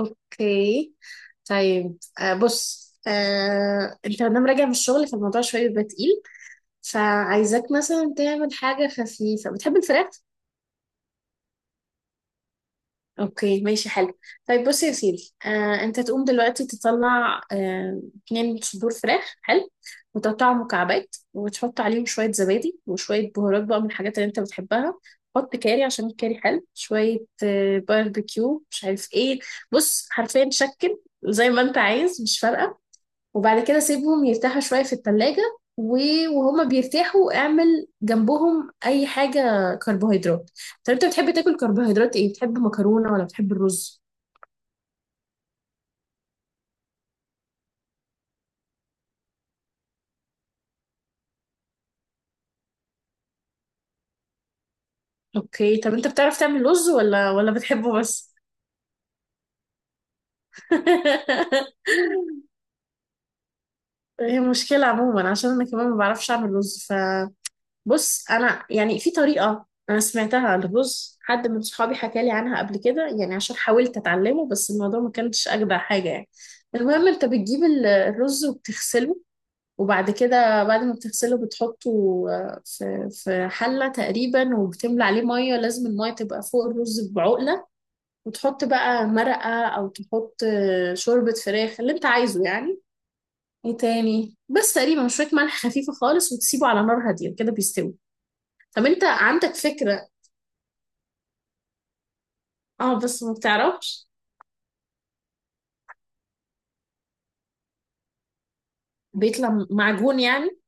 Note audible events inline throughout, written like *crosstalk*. اوكي. طيب بص، انت لما راجع من الشغل فالموضوع شويه بيبقى تقيل، فعايزاك مثلا تعمل حاجه خفيفه. بتحب الفراخ؟ اوكي ماشي حلو. طيب بص يا سيدي، انت تقوم دلوقتي تطلع اتنين صدور فراخ، حلو، وتقطعهم مكعبات وتحط عليهم شويه زبادي وشويه بهارات بقى من الحاجات اللي انت بتحبها. حط كاري عشان الكاري حلو شويه، باربيكيو، مش عارف ايه. بص حرفيا شكل زي ما انت عايز، مش فارقه. وبعد كده سيبهم يرتاحوا شوية في التلاجة. وهما بيرتاحوا اعمل جنبهم اي حاجة كربوهيدرات. طب انت بتحب تاكل كربوهيدرات ايه؟ بتحب مكرونة ولا بتحب الرز؟ اوكي. طب انت بتعرف تعمل رز ولا بتحبه بس؟ *laughs* هي مشكلة عموما، عشان انا كمان ما بعرفش اعمل رز. بص انا يعني في طريقه انا سمعتها للرز، حد من صحابي حكى لي عنها قبل كده يعني، عشان حاولت اتعلمه بس الموضوع ما كانش اجدع حاجه يعني. المهم انت بتجيب الرز وبتغسله، وبعد كده بعد ما بتغسله بتحطه في في حله تقريبا، وبتملى عليه ميه، لازم الميه تبقى فوق الرز بعقله، وتحط بقى مرقه او تحط شوربه فراخ اللي انت عايزه يعني. ايه تاني؟ بس تقريبا شويه ملح خفيفه خالص، وتسيبه على نار هاديه كده بيستوي. طب انت عندك فكرة؟ اه بس ما بتعرفش. بيطلع معجون يعني؟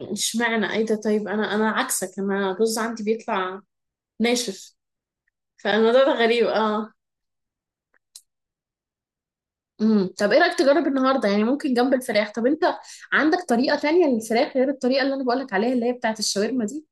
اشمعنى؟ ايه ده؟ طيب انا، عكسك، انا الرز عندي بيطلع ناشف. فالموضوع ده غريب، اه. طب ايه رأيك تجرب النهارده؟ يعني ممكن جنب الفراخ. طب انت عندك طريقة تانية للفراخ غير الطريقة اللي انا بقولك عليها اللي هي بتاعت الشاورما دي؟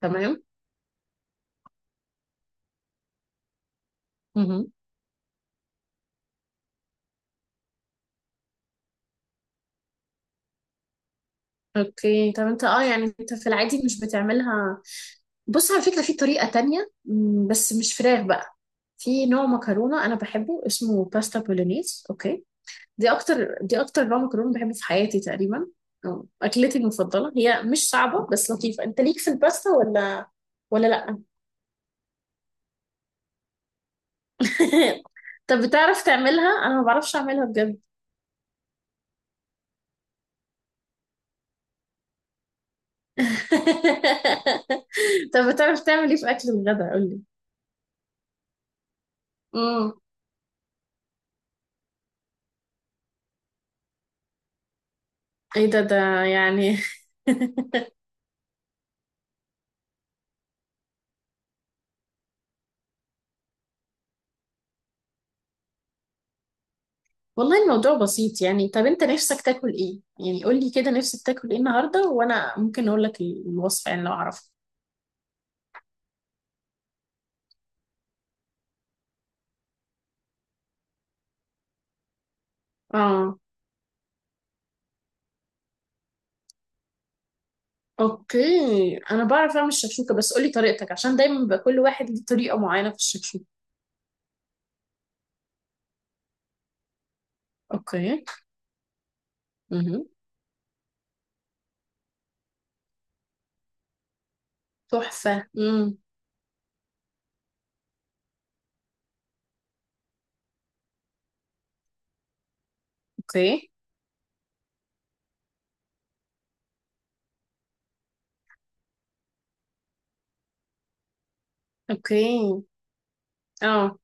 تمام. امم. اوكي. طب انت اه يعني انت في العادي مش بتعملها؟ بص على فكرة في طريقة تانية، بس مش فراخ بقى. في نوع مكرونة أنا بحبه اسمه باستا بولونيز، أوكي؟ دي اكتر نوع مكرونه بحبه في حياتي تقريبا، أو اكلتي المفضله. هي مش صعبه بس لطيفه. انت ليك في الباستا ولا ولا لا؟ *laughs* طب بتعرف تعملها؟ انا ما بعرفش اعملها بجد. *laughs* طب بتعرف تعمل ايه في اكل الغداء؟ قول لي. امم. ايه ده ده يعني؟ *laughs* والله الموضوع بسيط يعني. طب انت نفسك تاكل ايه يعني؟ قول لي كده نفسك تاكل ايه النهارده وانا ممكن اقول لك الوصفه، يعني لو اعرفها. اه. اوكي. انا بعرف اعمل الشكشوكه بس قولي طريقتك، عشان دايما بيبقى كل واحد ليه طريقه معينه في الشكشوكه. اوكي. امم. تحفه. امم. اوكي. اوكي. اه.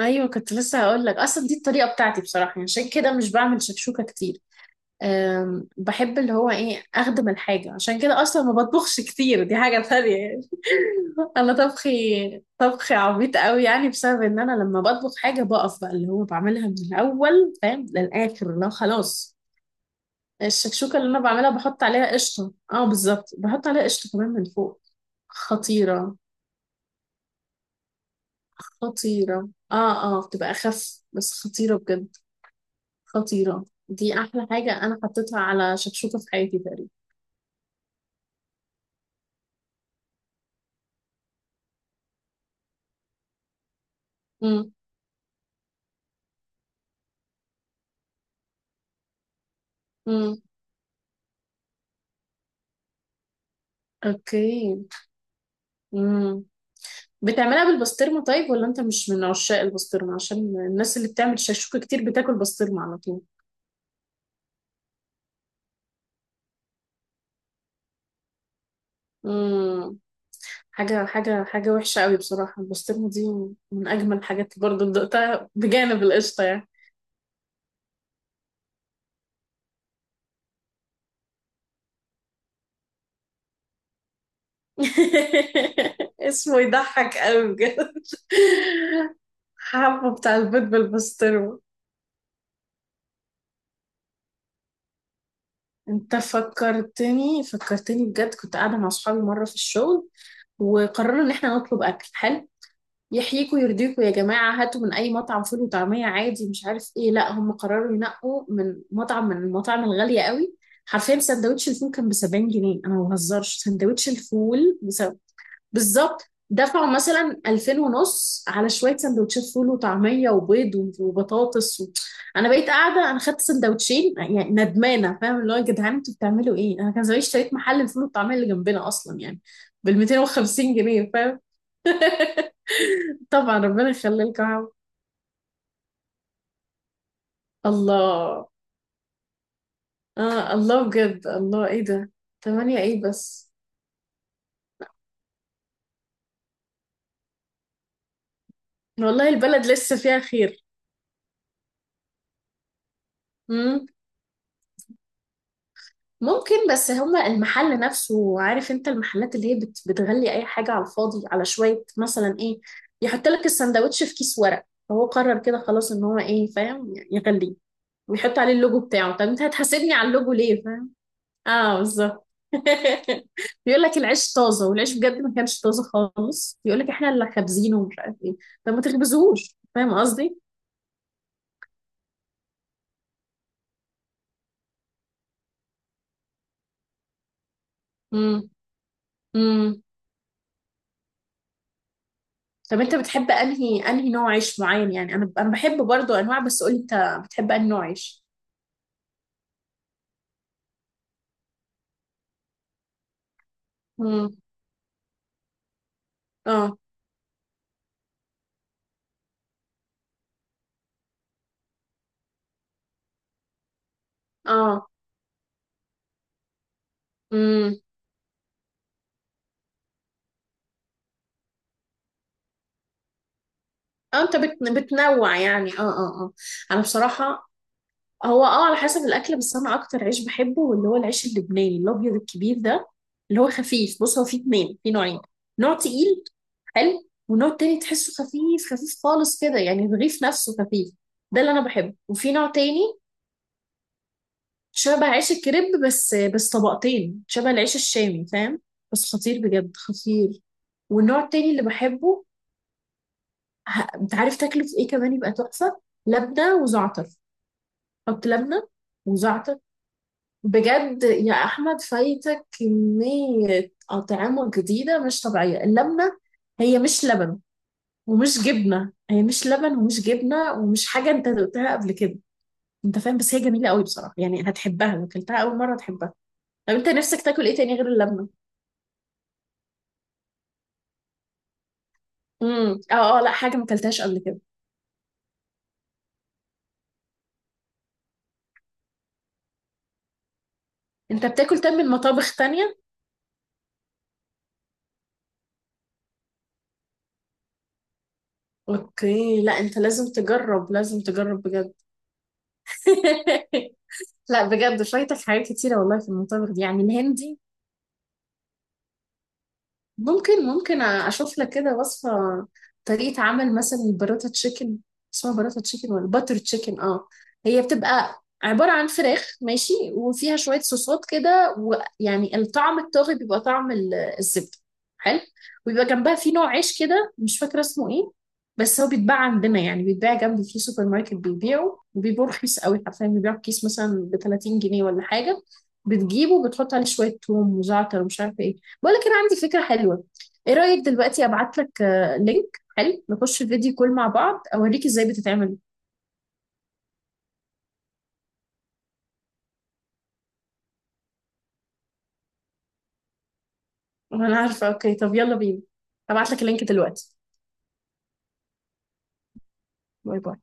ايوه كنت لسه هقول لك، اصلا دي الطريقه بتاعتي بصراحه يعني، عشان كده مش بعمل شكشوكه كتير. أم بحب اللي هو ايه، اخدم الحاجه، عشان كده اصلا ما بطبخش كتير. دي حاجه ثانيه يعني. *laughs* انا طبخي، عبيط قوي يعني، بسبب ان انا لما بطبخ حاجه بقف بقى اللي هو بعملها من الاول فاهم للاخر لو خلاص. الشكشوكة اللي أنا بعملها بحط عليها قشطة. اه بالظبط، بحط عليها قشطة كمان من فوق. خطيرة. خطيرة، اه. اه بتبقى أخف بس خطيرة بجد. خطيرة، دي أحلى حاجة أنا حطيتها على شكشوكة في حياتي تقريبا. مم. مم. أوكي. مم. بتعملها بالبسطرمة طيب، ولا أنت مش من عشاق البسطرمة؟ عشان الناس اللي بتعمل شكشوكة كتير بتاكل بسطرمة على طول. مم. حاجة وحشة قوي بصراحة البسطرمة دي. من أجمل الحاجات برضه اللي دقتها بجانب القشطة يعني. *laughs* اسمه يضحك قوي بجد. حبه بتاع البيض بالبسطرمة. انت فكرتني، فكرتني بجد. كنت قاعدة مع صحابي مرة في الشغل، وقررنا ان احنا نطلب اكل حلو. يحييكوا يرضيكوا يا جماعة هاتوا من اي مطعم فول وطعمية عادي، مش عارف ايه. لا هم قرروا ينقوا من مطعم من المطاعم الغالية قوي. حرفيا سندوتش الفول كان ب 70 جنيه، انا ما بهزرش، سندوتش الفول! بالظبط. دفعوا مثلا 2000 ونص على شويه سندوتشات فول وطعميه وبيض وبطاطس و... انا بقيت قاعده، انا خدت سندوتشين يعني ندمانه، فاهم اللي هو يا جدعان انتوا بتعملوا ايه؟ انا كان زمان اشتريت محل الفول والطعميه اللي جنبنا اصلا يعني بال 250 جنيه، فاهم؟ *laughs* طبعا ربنا يخلي لكم يا عم. الله. اه الله بجد، الله، ايه ده! تمانية ايه بس! والله البلد لسه فيها خير. ممكن، بس هما المحل نفسه عارف انت المحلات اللي هي بتغلي اي حاجة على الفاضي، على شوية مثلا ايه، يحط لك السندوتش في كيس ورق فهو قرر كده خلاص ان هو ايه، فاهم، يغليه ويحط عليه اللوجو بتاعه. طب انت هتحاسبني على اللوجو ليه، فاهم؟ اه بالظبط. *laughs* بيقول لك العيش طازة والعيش بجد ما كانش طازة خالص، بيقول لك احنا اللي خابزينه ومش عارف ايه. طب ما تخبزوهوش فاهم قصدي؟ امم. امم. طب انت بتحب انهي، نوع عيش معين يعني؟ انا، بحب برضو انواع بس قولي انت بتحب انهي نوع عيش. امم. اه. اه. امم. اه انت بتنوع يعني. اه اه اه. انا بصراحة، هو اه على حسب الاكل، بس انا اكتر عيش بحبه اللي هو العيش اللبناني الابيض الكبير ده، اللي هو خفيف. بص هو فيه اتنين، فيه نوعين. نوع تقيل حلو، ونوع تاني تحسه خفيف خفيف خالص كده يعني الرغيف نفسه خفيف، ده اللي انا بحبه. وفي نوع تاني شبه عيش الكريب، بس طبقتين، شبه العيش الشامي فاهم. بس خطير بجد، خطير. والنوع التاني اللي بحبه، انت عارف تاكله في ايه كمان يبقى تحفة؟ لبنة وزعتر. حط لبنة وزعتر بجد، يا احمد فايتك كمية اطعمة جديدة مش طبيعية. اللبنة هي مش لبن ومش جبنة. هي مش لبن ومش جبنة ومش حاجة انت دقتها قبل كده، انت فاهم. بس هي جميلة قوي بصراحة يعني، هتحبها لو اكلتها اول مرة، هتحبها. طب انت نفسك تاكل ايه تاني غير اللبنة؟ امم. اه اه، لا حاجة ما اكلتهاش قبل كده. انت بتاكل تم من مطابخ تانية؟ اوكي. لا انت لازم تجرب، لازم تجرب بجد. *laughs* لا بجد فايتك حاجات كتيرة والله في المطابخ دي، يعني الهندي. ممكن، ممكن اشوف لك كده وصفه، طريقه عمل مثلا البراتا تشيكن. اسمها براتا تشيكن ولا باتر تشيكن، اه. هي بتبقى عباره عن فراخ ماشي، وفيها شويه صوصات كده، ويعني الطعم الطاغي بيبقى طعم الزبده، حلو. ويبقى جنبها في نوع عيش كده مش فاكره اسمه ايه، بس هو بيتباع عندنا يعني، بيتباع جنبي في سوبر ماركت بيبيعه، وبيبقى رخيص قوي حرفيا، بيبيعه بكيس مثلا ب 30 جنيه ولا حاجه. بتجيبه بتحط عليه شويه توم وزعتر ومش عارفه ايه. بقولك انا عندي فكره حلوه، ايه رايك دلوقتي ابعت لك لينك حلو نخش فيديو كول مع بعض اوريك ازاي بتتعمل؟ وانا عارفه. اوكي طب يلا بينا، ابعت لك اللينك دلوقتي. باي باي.